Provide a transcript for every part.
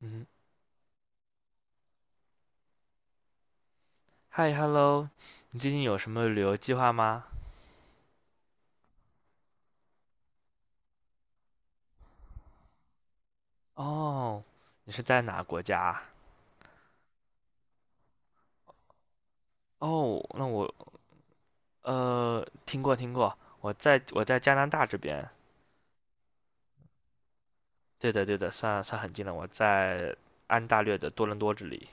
嗯，嗨，hello，你最近有什么旅游计划吗？哦，你是在哪国家啊。哦。听过听过，我在加拿大这边。对的对的，算算很近了，我在安大略的多伦多这里。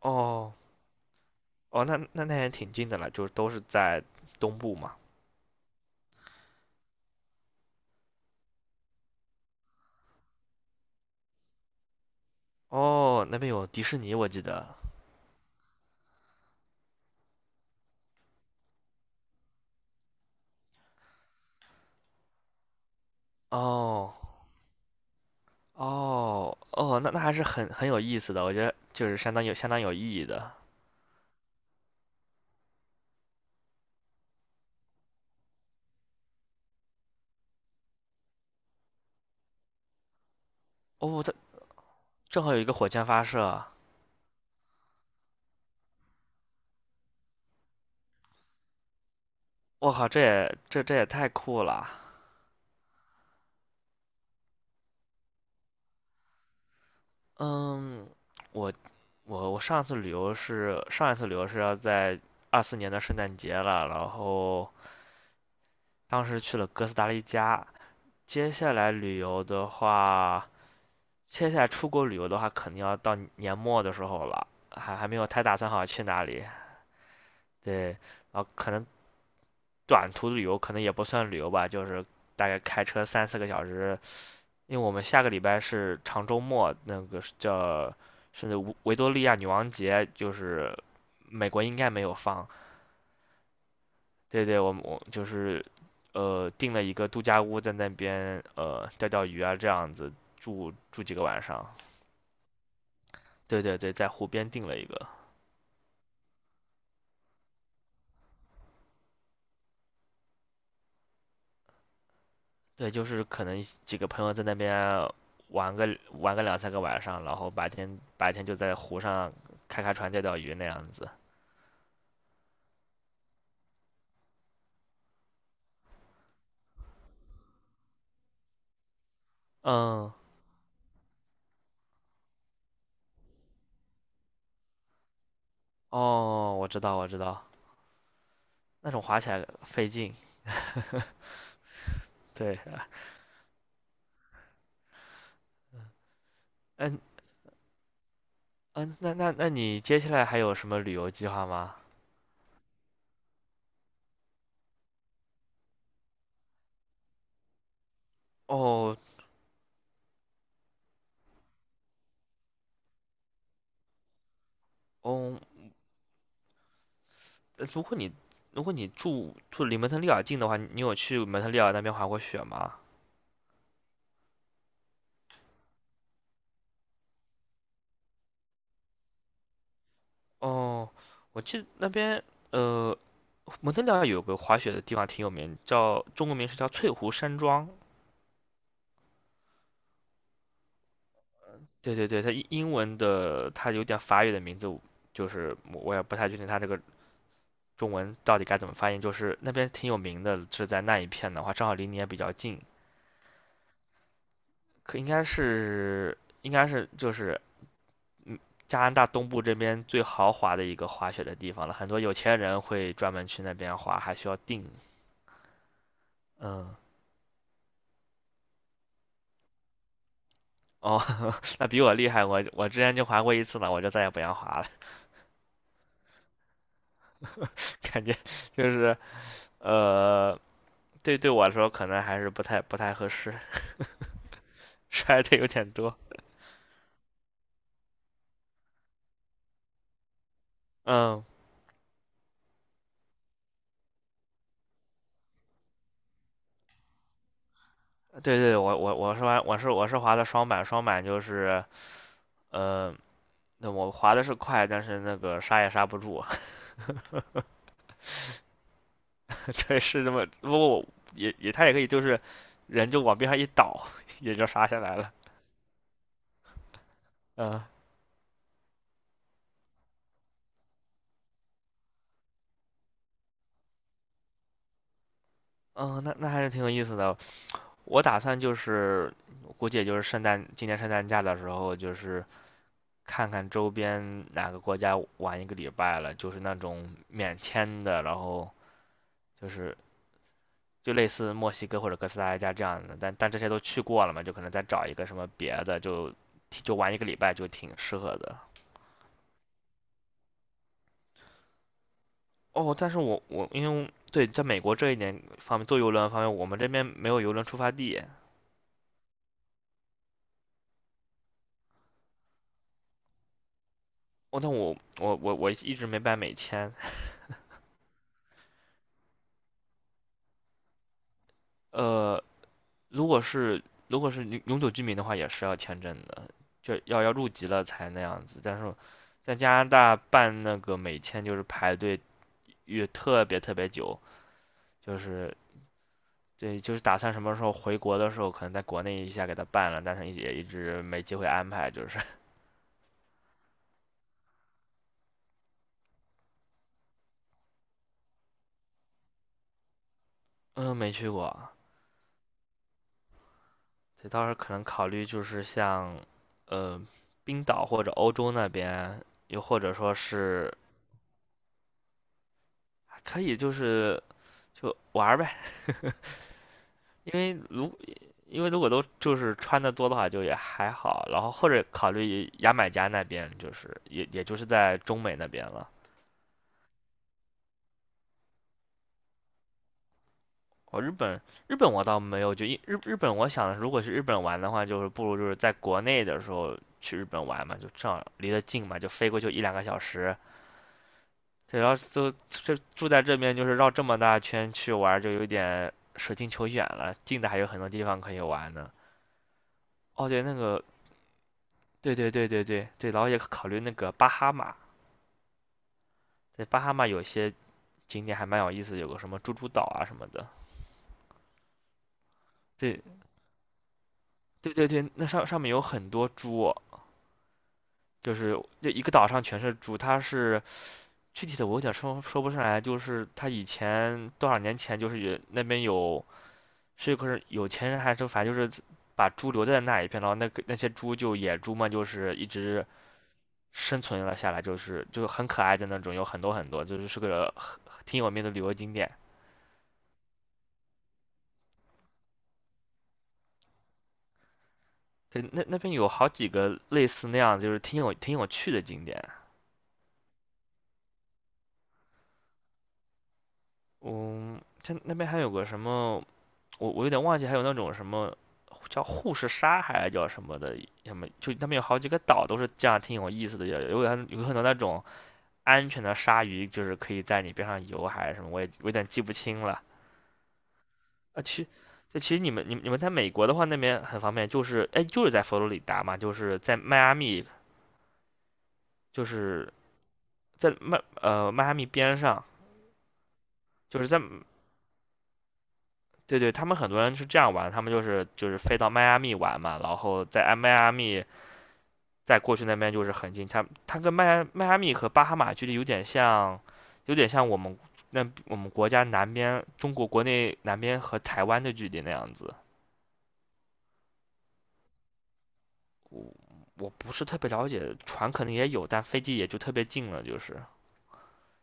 哦哦，那也挺近的了，就是都是在东部嘛。哦，那边有迪士尼，我记得。哦哦哦，那还是很有意思的，我觉得就是相当有意义的。哦，它正好有一个火箭发射。我靠，这也太酷了。嗯，我我上一次旅游是要在24年的圣诞节了，然后当时去了哥斯达黎加。接下来旅游的话，接下来出国旅游的话，肯定要到年末的时候了，还没有太打算好去哪里。对，然后可能短途旅游可能也不算旅游吧，就是大概开车三四个小时。因为我们下个礼拜是长周末，那个叫甚至维多利亚女王节，就是美国应该没有放。对对，我就是订了一个度假屋，在那边钓钓鱼啊这样子住住几个晚上。对对对，在湖边订了一个。对，就是可能几个朋友在那边玩个玩个两三个晚上，然后白天就在湖上开开船钓钓鱼那样子。嗯，哦，我知道我知道。那种滑起来费劲。对。嗯嗯，那你接下来还有什么旅游计划吗？哦哦，呃如果你如果你住离蒙特利尔近的话，你有去蒙特利尔那边滑过雪吗？哦，我记得那边呃，蒙特利尔有个滑雪的地方挺有名，叫中文名是叫翠湖山庄。对对对，它英文的，它有点法语的名字，就是我也不太确定它这个中文到底该怎么发音？就是那边挺有名的，是在那一片的话，正好离你也比较近，可应该是应该是就是嗯加拿大东部这边最豪华的一个滑雪的地方了，很多有钱人会专门去那边滑，还需要订，嗯。哦，那比我厉害，我之前就滑过一次呢，我就再也不想滑了。感觉就是呃，对，对我来说可能还是不太合适。摔的有点多。嗯，对对，我我我是玩我是我是滑的双板，就是呃，那我滑的是快，但是那个刹也刹不住。对，是这么，不过他也可以就是人就往边上一倒，也就刹下来了。嗯嗯，那还是挺有意思的。我打算就是估计也就是今年圣诞假的时候，就是看看周边哪个国家玩一个礼拜了，就是那种免签的，然后就是就类似墨西哥或者哥斯达黎加这样的，但这些都去过了嘛，就可能再找一个什么别的，就玩一个礼拜就挺适合的。哦，但是我因为对在美国这一点方面坐游轮方面，我们这边没有游轮出发地。哦，但我一直没办美签。呃，如果是如果是永久居民的话，也是要签证的，就要入籍了才那样子。但是在加拿大办那个美签就是排队也特别特别久，就是对，就是打算什么时候回国的时候，可能在国内一下给他办了，但是也一直没机会安排，就是 嗯没去过。所以到时候可能考虑就是像呃冰岛或者欧洲那边，又或者说是可以就是就玩儿呗。因为如因为如果都就是穿的多的话，就也还好，然后或者考虑牙买加那边，就是也就是在中美那边了。哦，日本，日本我倒没有，就日本，我想如果去日本玩的话，就是不如就是在国内的时候去日本玩嘛，就正好离得近嘛，就飞过去一两个小时。对，然后就这住在这边，就是绕这么大圈去玩，就有点舍近求远了。近的还有很多地方可以玩呢。哦，对，那个，对对对对对对，然后也考虑那个巴哈马，对，巴哈马有些景点还蛮有意思，有个什么猪猪岛啊什么的。对对对对，那上面有很多猪，就是这一个岛上全是猪，它是具体的我有点说不上来，就是它以前多少年前就是有那边有是可是有钱人还是反正就是把猪留在那一片，然后那些猪就野猪嘛，就是一直生存了下来，就是就很可爱的那种，有很多很多，就是个挺有名的旅游景点。对，那边有好几个类似那样，就是挺有趣的景点。嗯，它那边还有个什么，我有点忘记，还有那种什么叫护士鲨还是叫什么的，什么就他们有好几个岛都是这样，挺有意思的，有有很有很多那种安全的鲨鱼，就是可以在你边上游还是什么，我有点记不清了啊。其实你们在美国的话，那边很方便，就是在佛罗里达嘛，就是在迈阿密，就是在迈阿密边上，就是在对对，他们很多人是这样玩，他们就是飞到迈阿密玩嘛，然后在迈阿密在过去那边就是很近，它跟迈阿密和巴哈马距离有点像，有点像我们国家南边中国国内南边和台湾的距离那样子。我不是特别了解，船可能也有，但飞机也就特别近了，就是。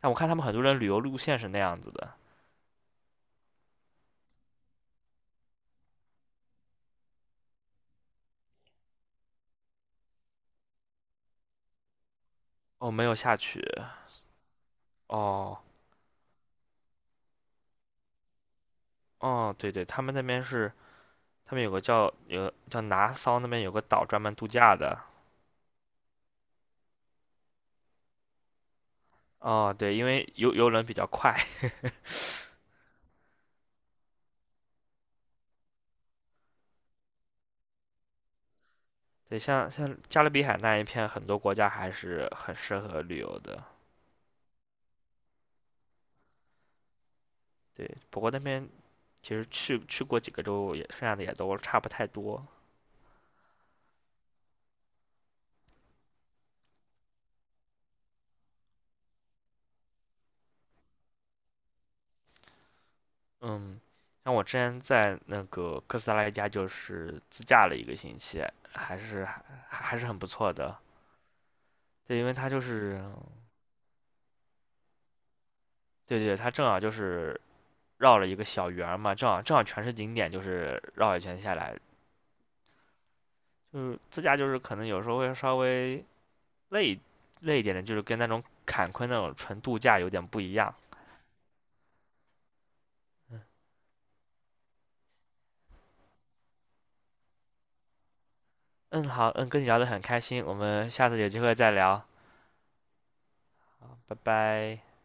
但我看他们很多人旅游路线是那样子的。哦，没有下去。哦哦，对对，他们那边是他们有个叫拿骚那边有个岛专门度假的。哦，对，因为游轮比较快。对，像加勒比海那一片，很多国家还是很适合旅游的。对，不过那边其实去过几个州也，剩下的也都差不太多。嗯，像我之前在那个哥斯达黎加就是自驾了一个星期，还是还还是很不错的。对，因为它就是，对对，它正好就是绕了一个小圆儿嘛，正好正好全是景点，就是绕一圈下来，就是自驾就是可能有时候会稍微累累一点的，就是跟那种坎昆那种纯度假有点不一样。嗯嗯，好，嗯，跟你聊得很开心，我们下次有机会再聊，好，拜拜。